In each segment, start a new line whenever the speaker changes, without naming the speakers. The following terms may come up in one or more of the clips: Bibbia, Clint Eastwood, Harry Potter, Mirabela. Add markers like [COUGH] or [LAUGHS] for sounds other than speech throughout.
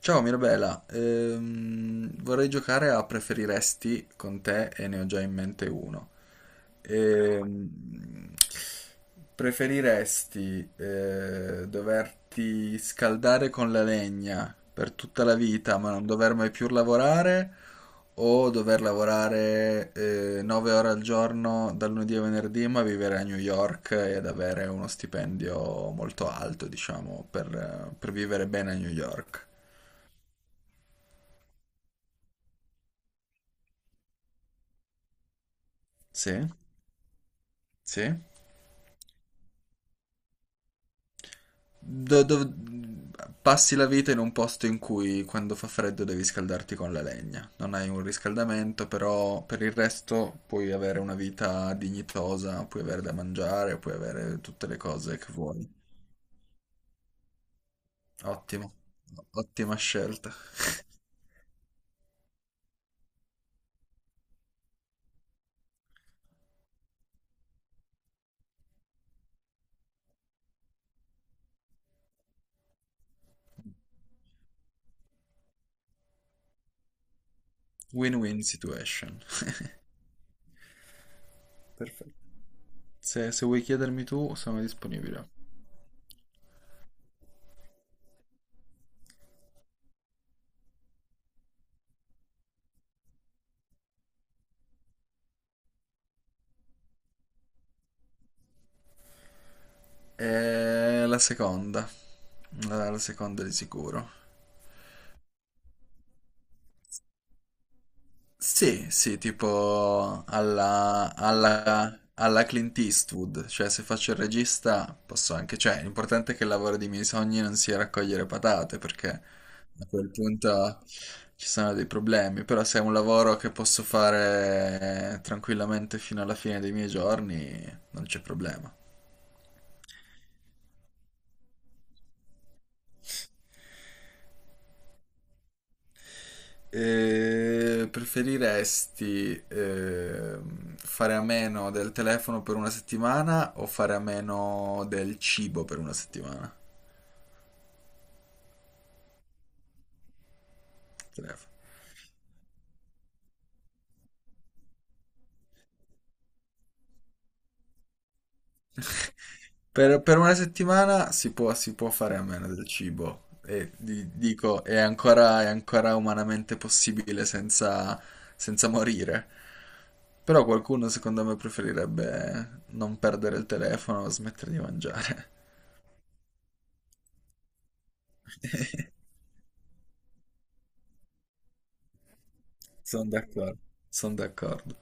Ciao Mirabela. Vorrei giocare a preferiresti con te e ne ho già in mente uno. Ehm, Preferiresti doverti scaldare con la legna per tutta la vita ma non dover mai più lavorare, o dover lavorare 9 ore al giorno dal lunedì a venerdì, ma vivere a New York ed avere uno stipendio molto alto, diciamo, per vivere bene a New York? Sì, sì. Do- dov- Passi la vita in un posto in cui quando fa freddo devi scaldarti con la legna. Non hai un riscaldamento, però per il resto puoi avere una vita dignitosa, puoi avere da mangiare, puoi avere tutte le cose che vuoi. Ottimo, ottima scelta. [LAUGHS] Win-win situation. [LAUGHS] Perfetto. Se vuoi chiedermi tu, sono disponibile. E la seconda, la seconda di sicuro. Sì, sì, tipo alla Clint Eastwood, cioè se faccio il regista posso anche, cioè l'importante è che il lavoro dei miei sogni non sia raccogliere patate, perché a quel punto ci sono dei problemi, però se è un lavoro che posso fare tranquillamente fino alla fine dei miei giorni, non c'è problema. Preferiresti fare a meno del telefono per una settimana o fare a meno del cibo per una settimana? Telefono. [LAUGHS] Per una settimana si può fare a meno del cibo. E dico, è ancora umanamente possibile senza, senza morire. Però qualcuno, secondo me, preferirebbe non perdere il telefono, smettere di mangiare. [LAUGHS] Sono d'accordo, sono d'accordo.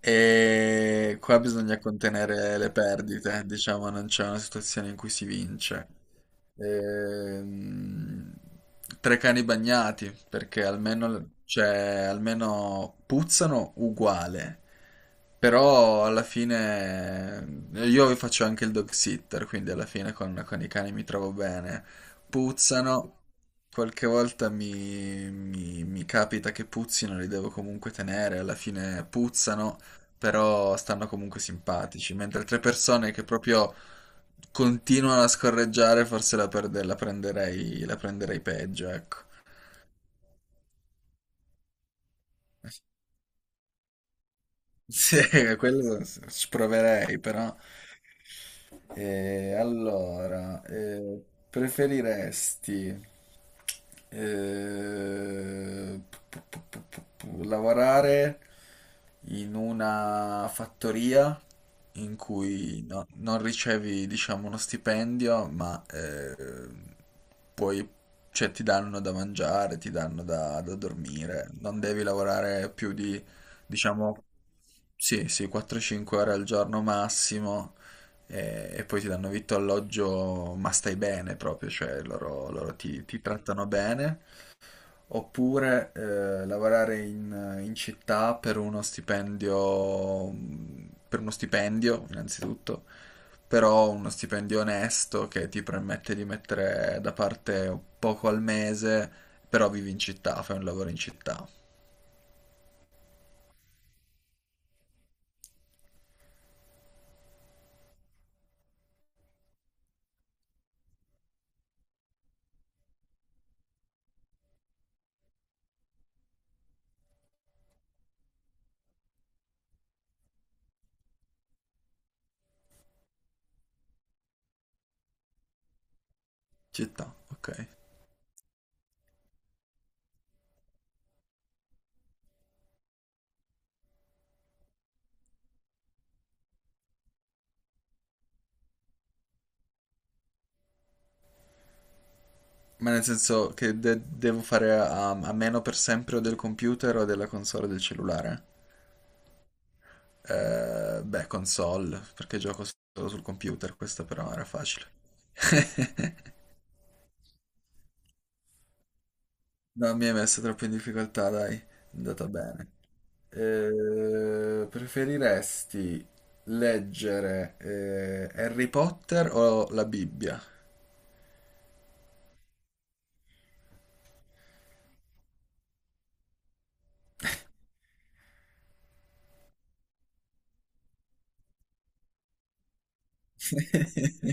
E qua bisogna contenere le perdite, diciamo, non c'è una situazione in cui si vince. Ehm, Tre cani bagnati, perché almeno, cioè, almeno puzzano uguale. Però alla fine io faccio anche il dog sitter, quindi alla fine con i cani mi trovo bene. Puzzano, qualche volta mi, mi capita che puzzino, li devo comunque tenere, alla fine puzzano, però stanno comunque simpatici, mentre altre persone che proprio continuano a scorreggiare, forse la prenderei peggio, ecco. [LAUGHS] Sì, quello ci proverei, però. E allora, preferiresti eh, p- lavorare in una fattoria in cui non ricevi, diciamo, uno stipendio, ma puoi, cioè, ti danno da mangiare, ti danno da, da dormire, non devi lavorare più di, diciamo, sì, sì, 4-5 ore al giorno massimo, e poi ti danno vitto alloggio, ma stai bene proprio, cioè loro ti, ti trattano bene. Oppure lavorare in, in città per uno stipendio innanzitutto, però uno stipendio onesto che ti permette di mettere da parte poco al mese, però vivi in città, fai un lavoro in città. Città, ok. Ma nel senso che devo fare a meno per sempre o del computer o della console o del cellulare? Beh, console, perché gioco solo sul computer, questa però era facile. [LAUGHS] No, mi hai messo troppo in difficoltà, dai, è andata bene. Preferiresti leggere Harry Potter o la Bibbia? [LAUGHS]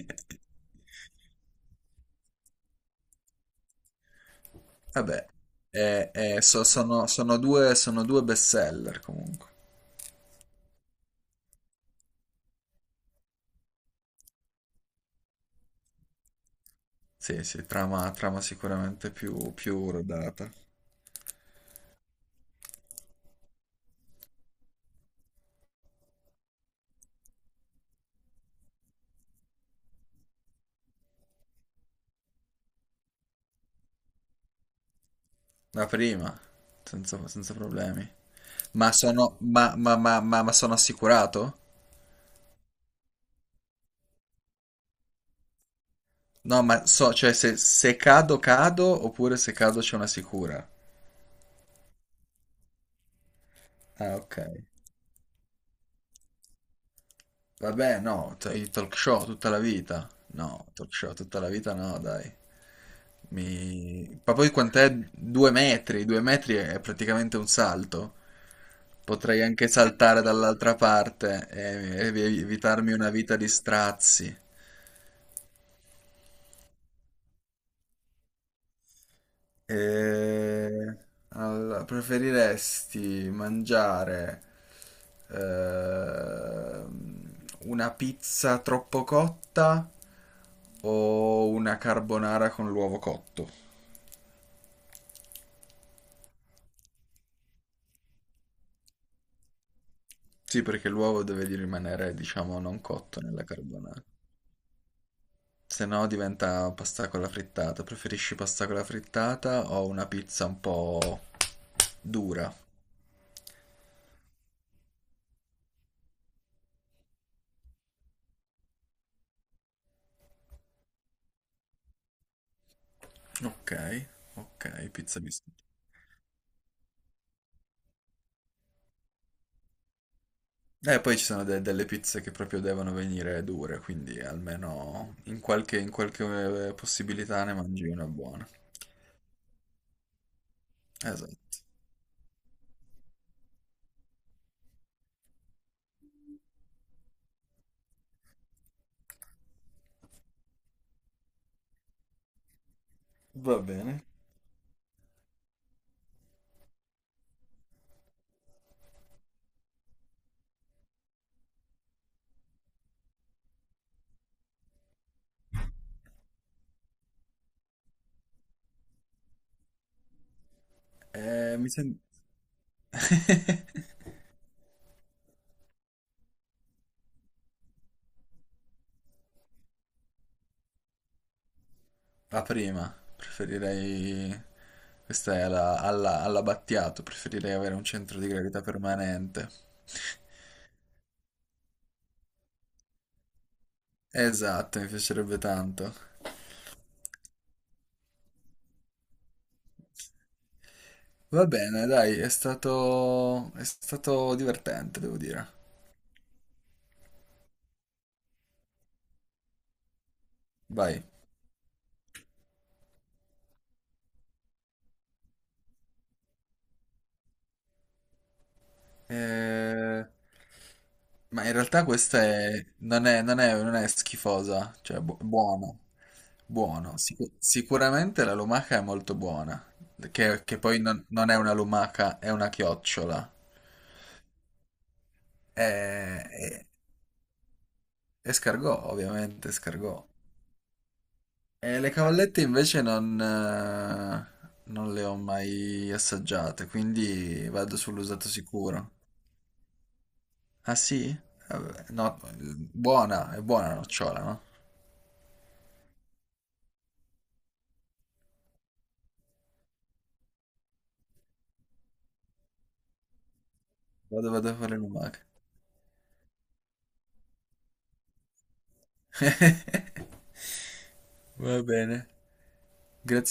Vabbè, sono due bestseller comunque. Sì, sì, trama, trama sicuramente più, più rodata. La prima, senza, senza problemi. Ma sono, ma sono assicurato? No, ma so, cioè se, se cado, cado, oppure se cado c'è una sicura. Ah, ok. Vabbè, no, i talk show tutta la vita. No, talk show tutta la vita no, dai. Mi... Ma poi quant'è? Due metri è praticamente un salto. Potrei anche saltare dall'altra parte e evitarmi una vita di strazi. E allora, preferiresti mangiare ehm, una pizza troppo cotta o una carbonara con l'uovo cotto? Sì, perché l'uovo deve di rimanere, diciamo, non cotto nella carbonara. Se no diventa pasta con la frittata. Preferisci pasta con la frittata o una pizza un po' dura? Ok, ok, pizza biscotti. E poi ci sono delle pizze che proprio devono venire dure, quindi almeno in qualche, possibilità ne mangi una buona. Esatto. Va bene. Mi sembra... La prima, preferirei... Questa è all'Abbattiato, preferirei avere un centro di gravità permanente. Esatto, mi piacerebbe tanto. Va bene, dai, è stato divertente, devo dire. Vai. Eh, ma in realtà questa è, non è, non è, non è schifosa, cioè buono, buono. Sicuramente la lumaca è molto buona, che poi non, non è una lumaca, è una chiocciola. È, è- è scargò, ovviamente, scargò. E le cavallette invece non, non le ho mai assaggiate, quindi vado sull'usato sicuro. Ah sì? Vabbè, no, buona, è buona la nocciola, no? Vado, vado a fare una maga. [LAUGHS] Va bene. Grazie.